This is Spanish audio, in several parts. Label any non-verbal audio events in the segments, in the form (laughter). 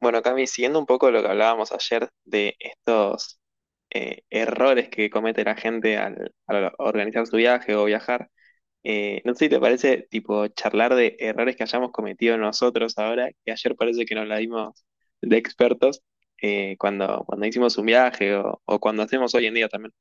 Bueno, Cami, siguiendo un poco lo que hablábamos ayer de estos errores que comete la gente al organizar su viaje o viajar, no sé si te parece tipo charlar de errores que hayamos cometido nosotros ahora, que ayer parece que nos la dimos de expertos cuando hicimos un viaje o cuando hacemos hoy en día también.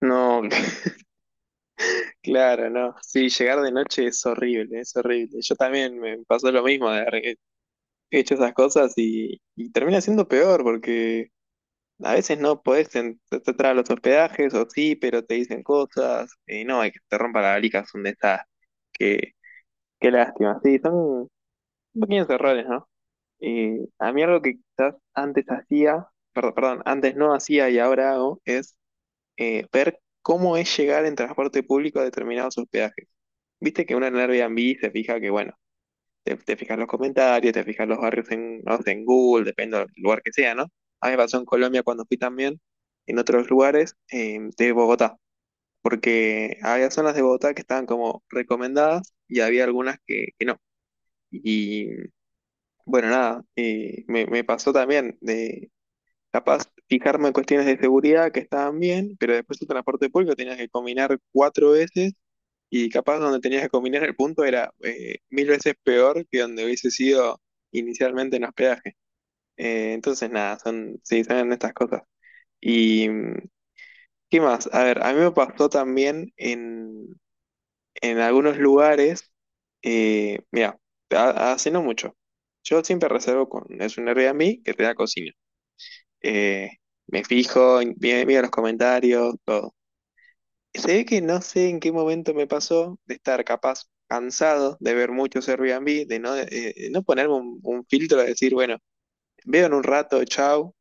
No, (laughs) claro, no. Sí, llegar de noche es horrible, es horrible. Yo también me pasó lo mismo de haber hecho esas cosas y termina siendo peor porque. A veces no podés entrar a los hospedajes, o sí, pero te dicen cosas, y no, hay que te rompa la valija, es un desastre. Qué, qué lástima. Sí, son pequeños errores, ¿no? Y a mí algo que quizás antes hacía, perdón, perdón, antes no hacía y ahora hago, es ver cómo es llegar en transporte público a determinados hospedajes. Viste que uno en Airbnb se fija que, bueno, te fijas los comentarios, te fijas los barrios en, no sé, en Google, depende del lugar que sea, ¿no? A mí me pasó en Colombia cuando fui también, en otros lugares de Bogotá, porque había zonas de Bogotá que estaban como recomendadas y había algunas que no. Y bueno, nada, me pasó también de capaz fijarme en cuestiones de seguridad que estaban bien, pero después el transporte público tenías que combinar cuatro veces y capaz donde tenías que combinar el punto era mil veces peor que donde hubiese sido inicialmente en hospedaje. Entonces, nada, son, sí, son estas cosas. ¿Y qué más? A ver, a mí me pasó también en algunos lugares, mira, hace no mucho. Yo siempre reservo con, es un Airbnb que te da cocina. Eh, Me fijo, miro los comentarios, todo. Se ve que no sé en qué momento me pasó de estar capaz cansado de ver muchos Airbnb, de no, no ponerme un filtro de decir, bueno, veo en un rato, chau.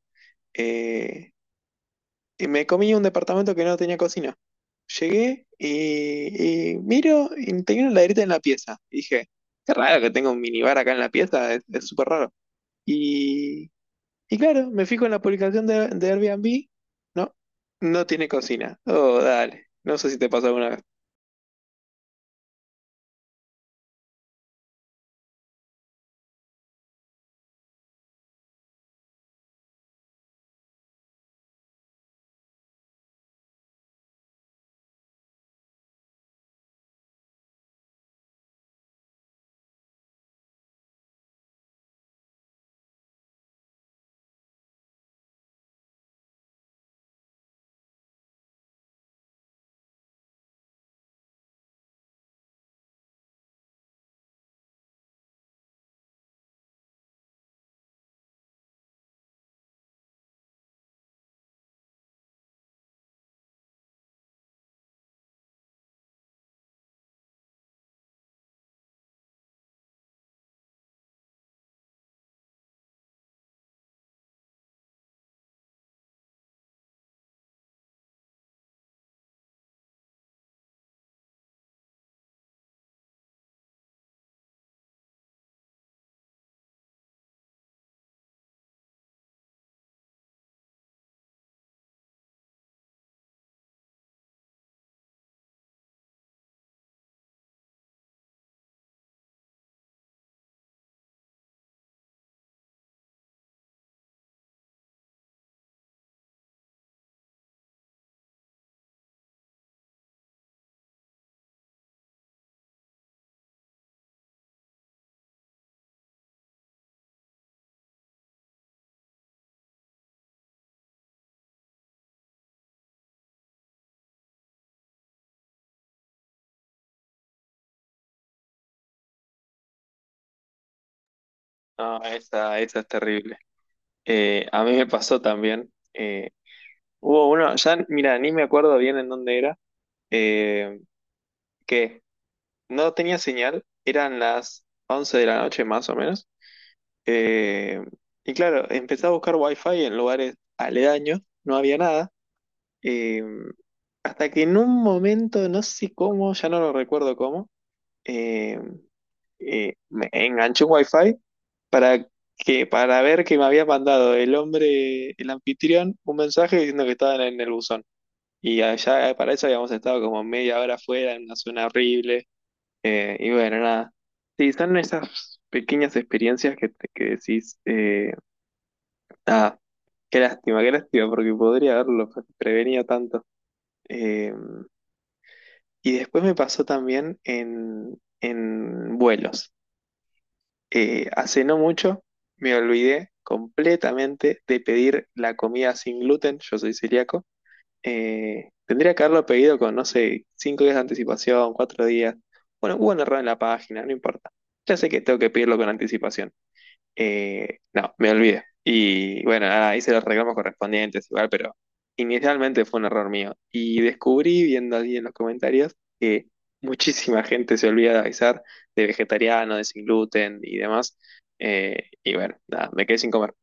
eh, y me comí un departamento que no tenía cocina. Llegué y miro y tenía una laderita en la pieza. Y dije, qué raro que tenga un minibar acá en la pieza, es súper raro. Y, y claro, me fijo en la publicación de Airbnb, no, no tiene cocina. Oh, dale, no sé si te pasó alguna vez. No, esa es terrible. A mí me pasó también. Hubo uno, ya, mira, ni me acuerdo bien en dónde era, eh, que no tenía señal, eran las 11 de la noche más o menos. eh, y claro, empecé a buscar wifi en lugares aledaños, no había nada. eh, Hasta que en un momento, no sé cómo, ya no lo recuerdo cómo, eh, me enganché un wifi para para ver que me había mandado el hombre, el anfitrión, un mensaje diciendo que estaban en el buzón. Y allá para eso habíamos estado como media hora afuera, en una zona horrible. Y bueno, nada. Sí, son esas pequeñas experiencias que, que decís, ah, qué lástima, porque podría haberlo prevenido tanto. Eh, y después me pasó también en vuelos. Hace no mucho me olvidé completamente de pedir la comida sin gluten, yo soy celíaco. Tendría que haberlo pedido con, no sé, 5 días de anticipación, 4 días. Bueno, hubo un error en la página, no importa. Ya sé que tengo que pedirlo con anticipación. No, me olvidé. Y bueno, nada, hice los reclamos correspondientes igual, pero inicialmente fue un error mío. Y descubrí, viendo allí en los comentarios, que muchísima (laughs) gente se olvida de avisar de vegetariano, de sin gluten y demás. Y bueno, nada, me quedé sin comer.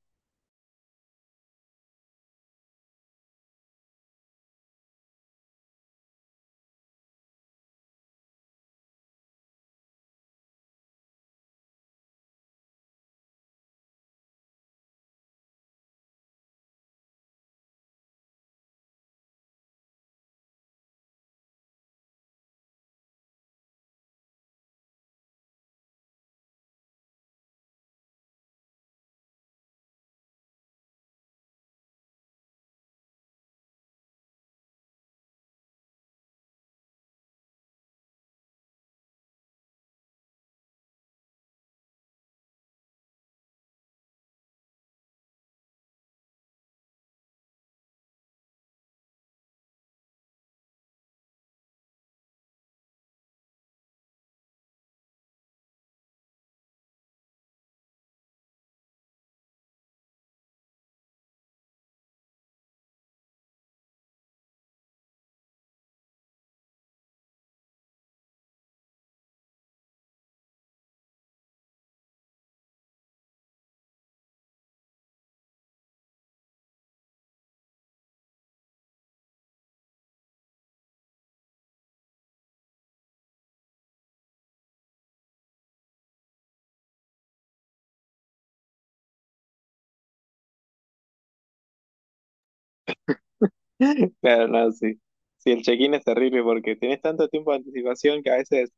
(laughs) Claro, no, sí. Sí, el check-in es terrible porque tenés tanto tiempo de anticipación que a veces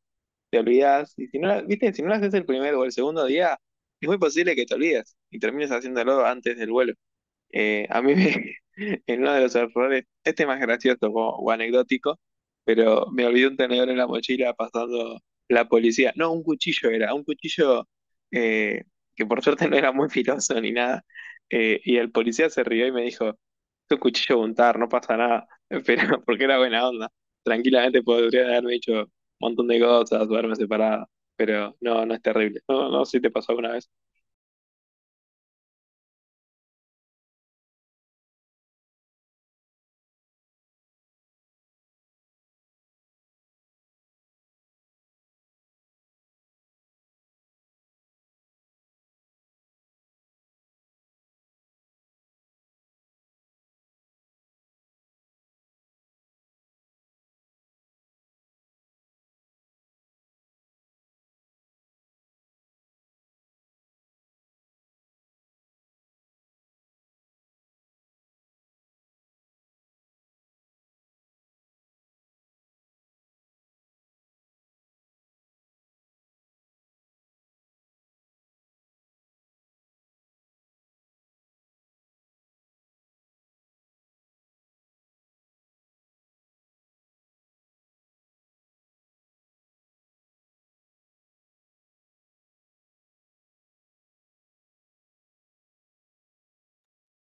te olvidas. Y si no, viste, si no lo haces el primer o el segundo día, es muy posible que te olvides y termines haciéndolo antes del vuelo. Eh, a mí me, (laughs) en uno de los errores, este es más gracioso o anecdótico, pero me olvidé un tenedor en la mochila pasando la policía. No, un cuchillo era, un cuchillo eh, que por suerte no era muy filoso ni nada. Y el policía se rió y me dijo, es un cuchillo untar, no pasa nada, (laughs) pero porque era buena onda. Tranquilamente podría haberme dicho un montón de cosas, duerme separado, pero no, no es terrible. No, no sé si te pasó alguna vez.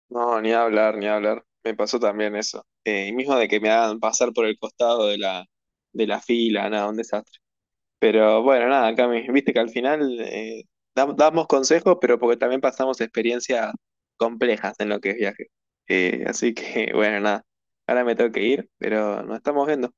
No, ni hablar, ni hablar. Me pasó también eso. Y mismo de que me hagan pasar por el costado de la, fila, nada, un desastre. Pero bueno, nada, Cami, viste que al final damos consejos, pero porque también pasamos experiencias complejas en lo que es viaje. Así que (laughs) bueno, nada, ahora me tengo que ir, pero nos estamos viendo.